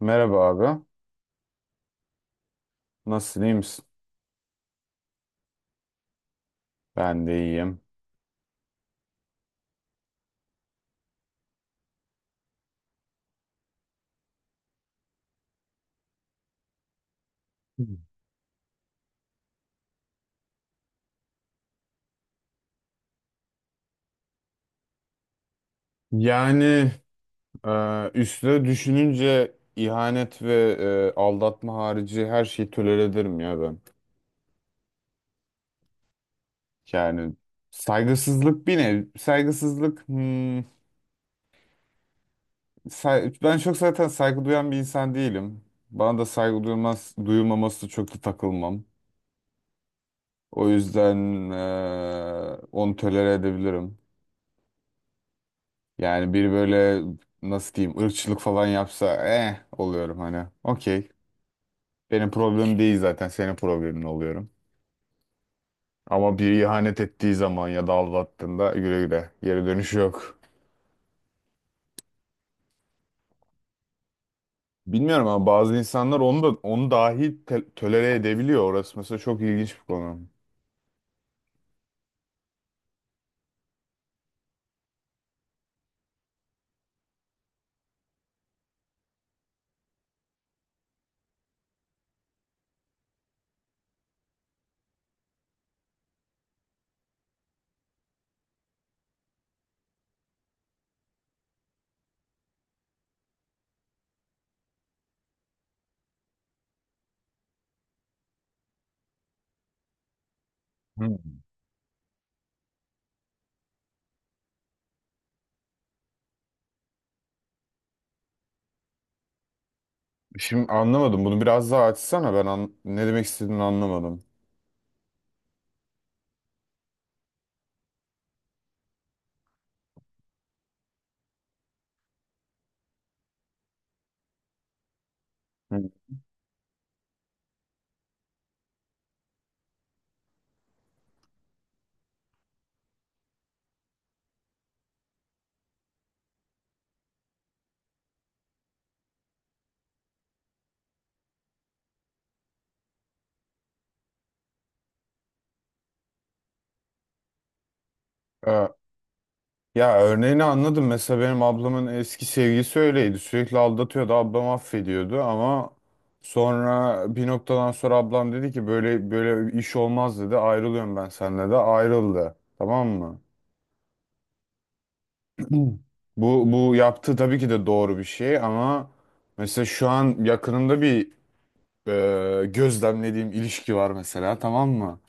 Merhaba abi. Nasılsın, iyi misin? Ben de iyiyim. Yani üstüne düşününce ihanet ve aldatma harici her şeyi tolere ederim ya ben. Yani saygısızlık bir nev. saygısızlık, ben çok zaten saygı duyan bir insan değilim. Bana da saygı duyulmaz, duyulmaması çok da takılmam. O yüzden onu tolere edebilirim. Yani bir böyle nasıl diyeyim ırkçılık falan yapsa eh oluyorum hani. Okey. Benim problemim değil, zaten senin problemin oluyorum. Ama bir ihanet ettiği zaman ya da aldattığında güle güle, geri dönüşü yok. Bilmiyorum ama bazı insanlar onu da, onu dahi tolere edebiliyor. Orası mesela çok ilginç bir konu. Hmm. Şimdi anlamadım. Bunu biraz daha açsana. Ben ne demek istediğini anlamadım. Hmm. Ya örneğini anladım. Mesela benim ablamın eski sevgilisi öyleydi. Sürekli aldatıyordu. Ablam affediyordu ama sonra bir noktadan sonra ablam dedi ki böyle böyle iş olmaz dedi. Ayrılıyorum ben seninle de. Ayrıldı. Tamam mı? Bu yaptığı tabii ki de doğru bir şey ama mesela şu an yakınımda bir gözlemlediğim ilişki var mesela, tamam mı?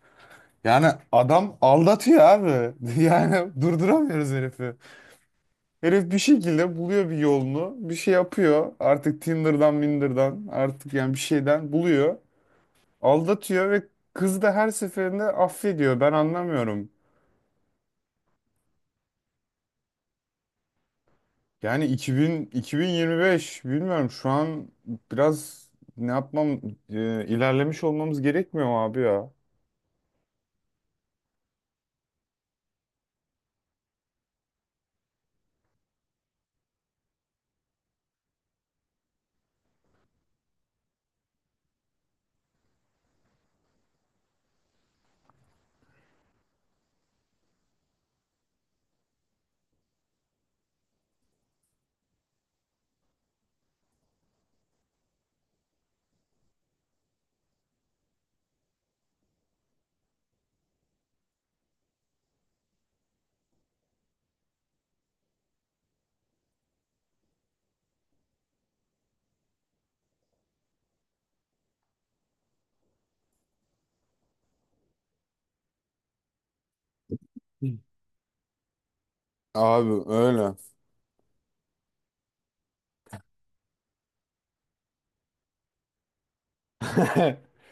Yani adam aldatıyor abi. Yani durduramıyoruz herifi. Herif bir şekilde buluyor bir yolunu. Bir şey yapıyor. Artık Tinder'dan, Minder'dan, artık yani bir şeyden buluyor. Aldatıyor ve kız da her seferinde affediyor. Ben anlamıyorum. Yani 2000, 2025, bilmiyorum şu an biraz ne yapmam ilerlemiş olmamız gerekmiyor mu abi ya? Hı. Abi öyle.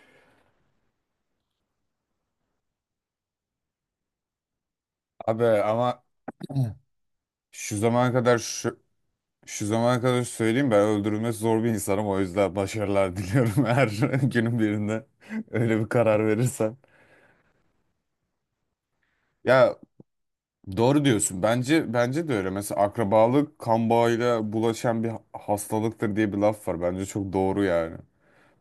Abi ama şu zamana kadar şu, şu zamana kadar söyleyeyim, ben öldürülmesi zor bir insanım, o yüzden başarılar diliyorum eğer günün birinde öyle bir karar verirsen. Ya doğru diyorsun, bence de öyle. Mesela akrabalık kan bağıyla bulaşan bir hastalıktır diye bir laf var, bence çok doğru yani.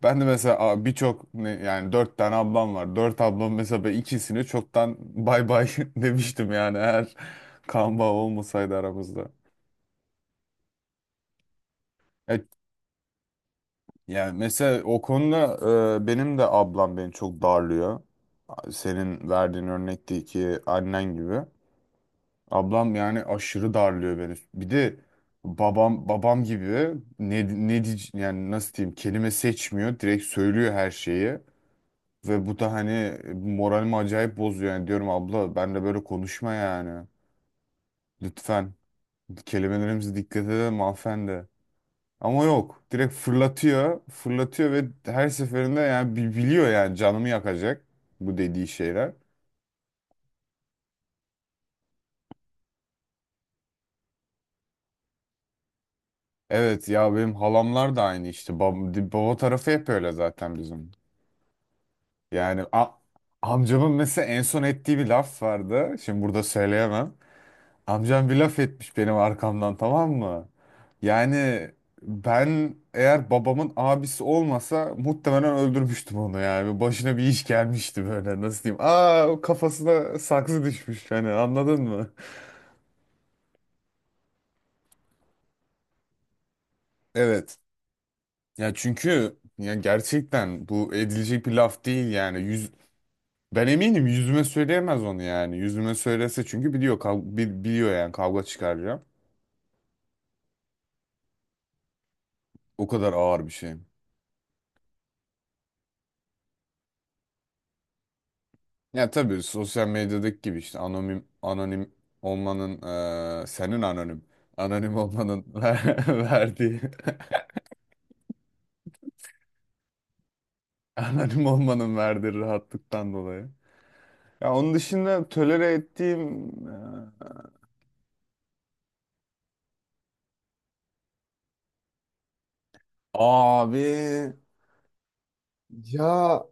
Ben de mesela birçok yani dört tane ablam var, dört ablam mesela, ben ikisini çoktan bay bay demiştim yani eğer kan bağı olmasaydı aramızda. Yani mesela o konuda benim de ablam beni çok darlıyor. Senin verdiğin örnekteki annen gibi. Ablam yani aşırı darlıyor beni. Bir de babam gibi yani nasıl diyeyim, kelime seçmiyor. Direkt söylüyor her şeyi ve bu da hani moralimi acayip bozuyor. Yani diyorum, abla ben de böyle konuşma yani. Lütfen kelimelerimize dikkat edelim hanımefendi. Ama yok. Direkt fırlatıyor. Fırlatıyor ve her seferinde yani biliyor yani canımı yakacak bu dediği şeyler. Evet ya, benim halamlar da aynı işte. Baba tarafı hep öyle zaten bizim. Yani amcamın mesela en son ettiği bir laf vardı. Şimdi burada söyleyemem. Amcam bir laf etmiş benim arkamdan, tamam mı? Yani ben, eğer babamın abisi olmasa, muhtemelen öldürmüştüm onu yani. Başına bir iş gelmişti böyle, nasıl diyeyim, o kafasına saksı düşmüş, hani anladın mı? Evet. Ya çünkü ya, gerçekten bu edilecek bir laf değil yani. Ben eminim yüzüme söyleyemez onu yani. Yüzüme söylese, çünkü biliyor yani kavga çıkaracağım. O kadar ağır bir şey. Ya tabii sosyal medyadaki gibi işte, anonim anonim olmanın senin anonim anonim olmanın verdiği, anonim olmanın verdiği rahatlıktan dolayı. Ya onun dışında tolere ettiğim abi, ya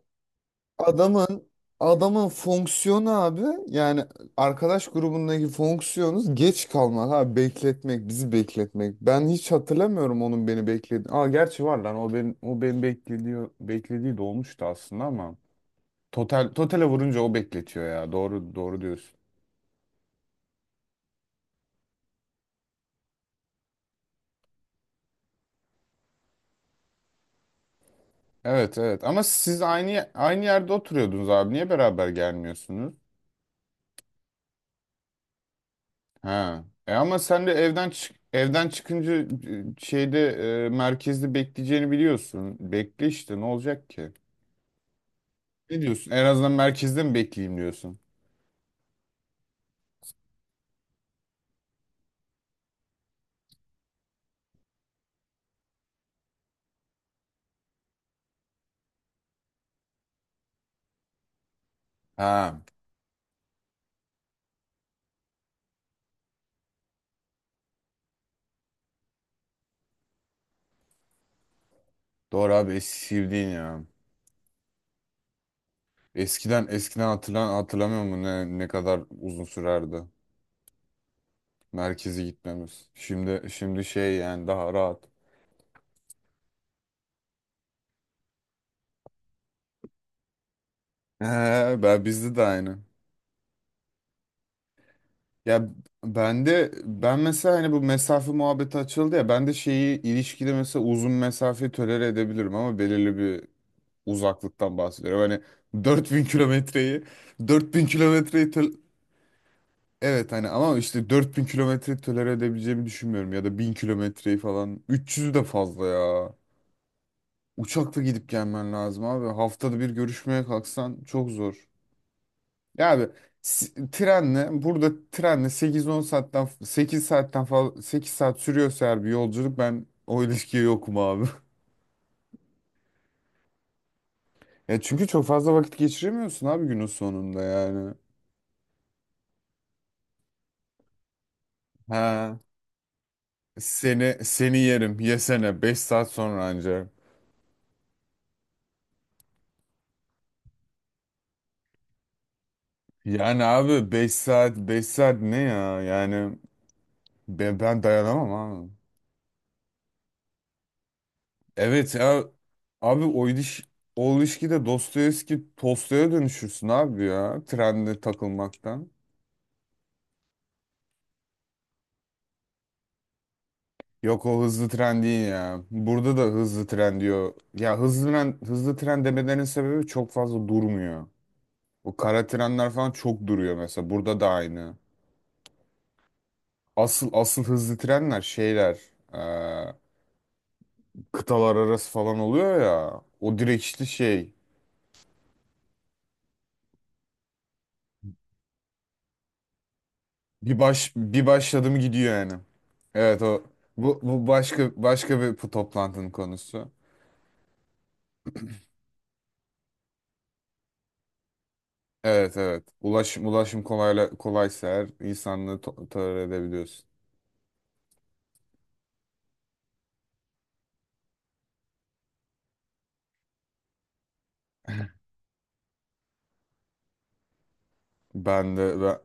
Adamın adamın fonksiyonu abi, yani arkadaş grubundaki fonksiyonuz geç kalmak abi, bekletmek, bizi bekletmek. Ben hiç hatırlamıyorum onun beni bekledi. Gerçi var lan, o beni beklediği de olmuştu aslında ama totale vurunca o bekletiyor ya. Doğru doğru diyorsun. Evet evet, ama siz aynı yerde oturuyordunuz abi. Niye beraber gelmiyorsunuz? Ha. E ama sen de evden çıkınca şeyde merkezde bekleyeceğini biliyorsun. Bekle işte, ne olacak ki? Ne diyorsun? En azından merkezde mi bekleyeyim diyorsun? Ha. Doğru abi, eski sevdiğin ya. Eskiden hatırlamıyor musun ne kadar uzun sürerdi merkeze gitmemiz. Şimdi şey yani, daha rahat. He, ben bizde de aynı. Ya ben mesela, hani bu mesafe muhabbeti açıldı ya, ben de ilişkide mesela uzun mesafeyi tolere edebilirim ama belirli bir uzaklıktan bahsediyorum. Hani 4000 kilometreyi 4000 kilometreyi evet, hani ama işte 4.000 kilometreyi tolere edebileceğimi düşünmüyorum, ya da 1.000 kilometreyi falan, 300'ü de fazla ya. Uçakla gidip gelmen lazım abi. Haftada bir görüşmeye kalksan çok zor. Ya abi trenle, burada 8 saatten fazla, 8 saat sürüyorsa eğer bir yolculuk, ben o ilişkiye yokum abi. Ya çünkü çok fazla vakit geçiremiyorsun abi günün sonunda yani. Ha, seni yerim yesene 5 saat sonra ancak. Yani abi, 5 saat ne ya yani, ben dayanamam abi. Evet ya abi, o ilişkide Dostoyevski Tolstoy'a dönüşürsün abi ya, trende takılmaktan. Yok, o hızlı tren değil ya. Burada da hızlı tren diyor. Ya hızlı tren, hızlı tren demelerinin sebebi, çok fazla durmuyor. O kara trenler falan çok duruyor mesela. Burada da aynı. Asıl hızlı trenler şeyler, eee, kıtalar arası falan oluyor ya. O direkt işte şey. Bir başladı mı gidiyor yani. Evet o, bu, bu başka, başka bir, bu toplantının konusu. Evet evet. Ulaşım kolaysa eğer, insanlığı tolere edebiliyorsun. Ben de ben,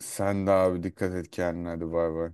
Sen de abi, dikkat et kendine, hadi bay bay.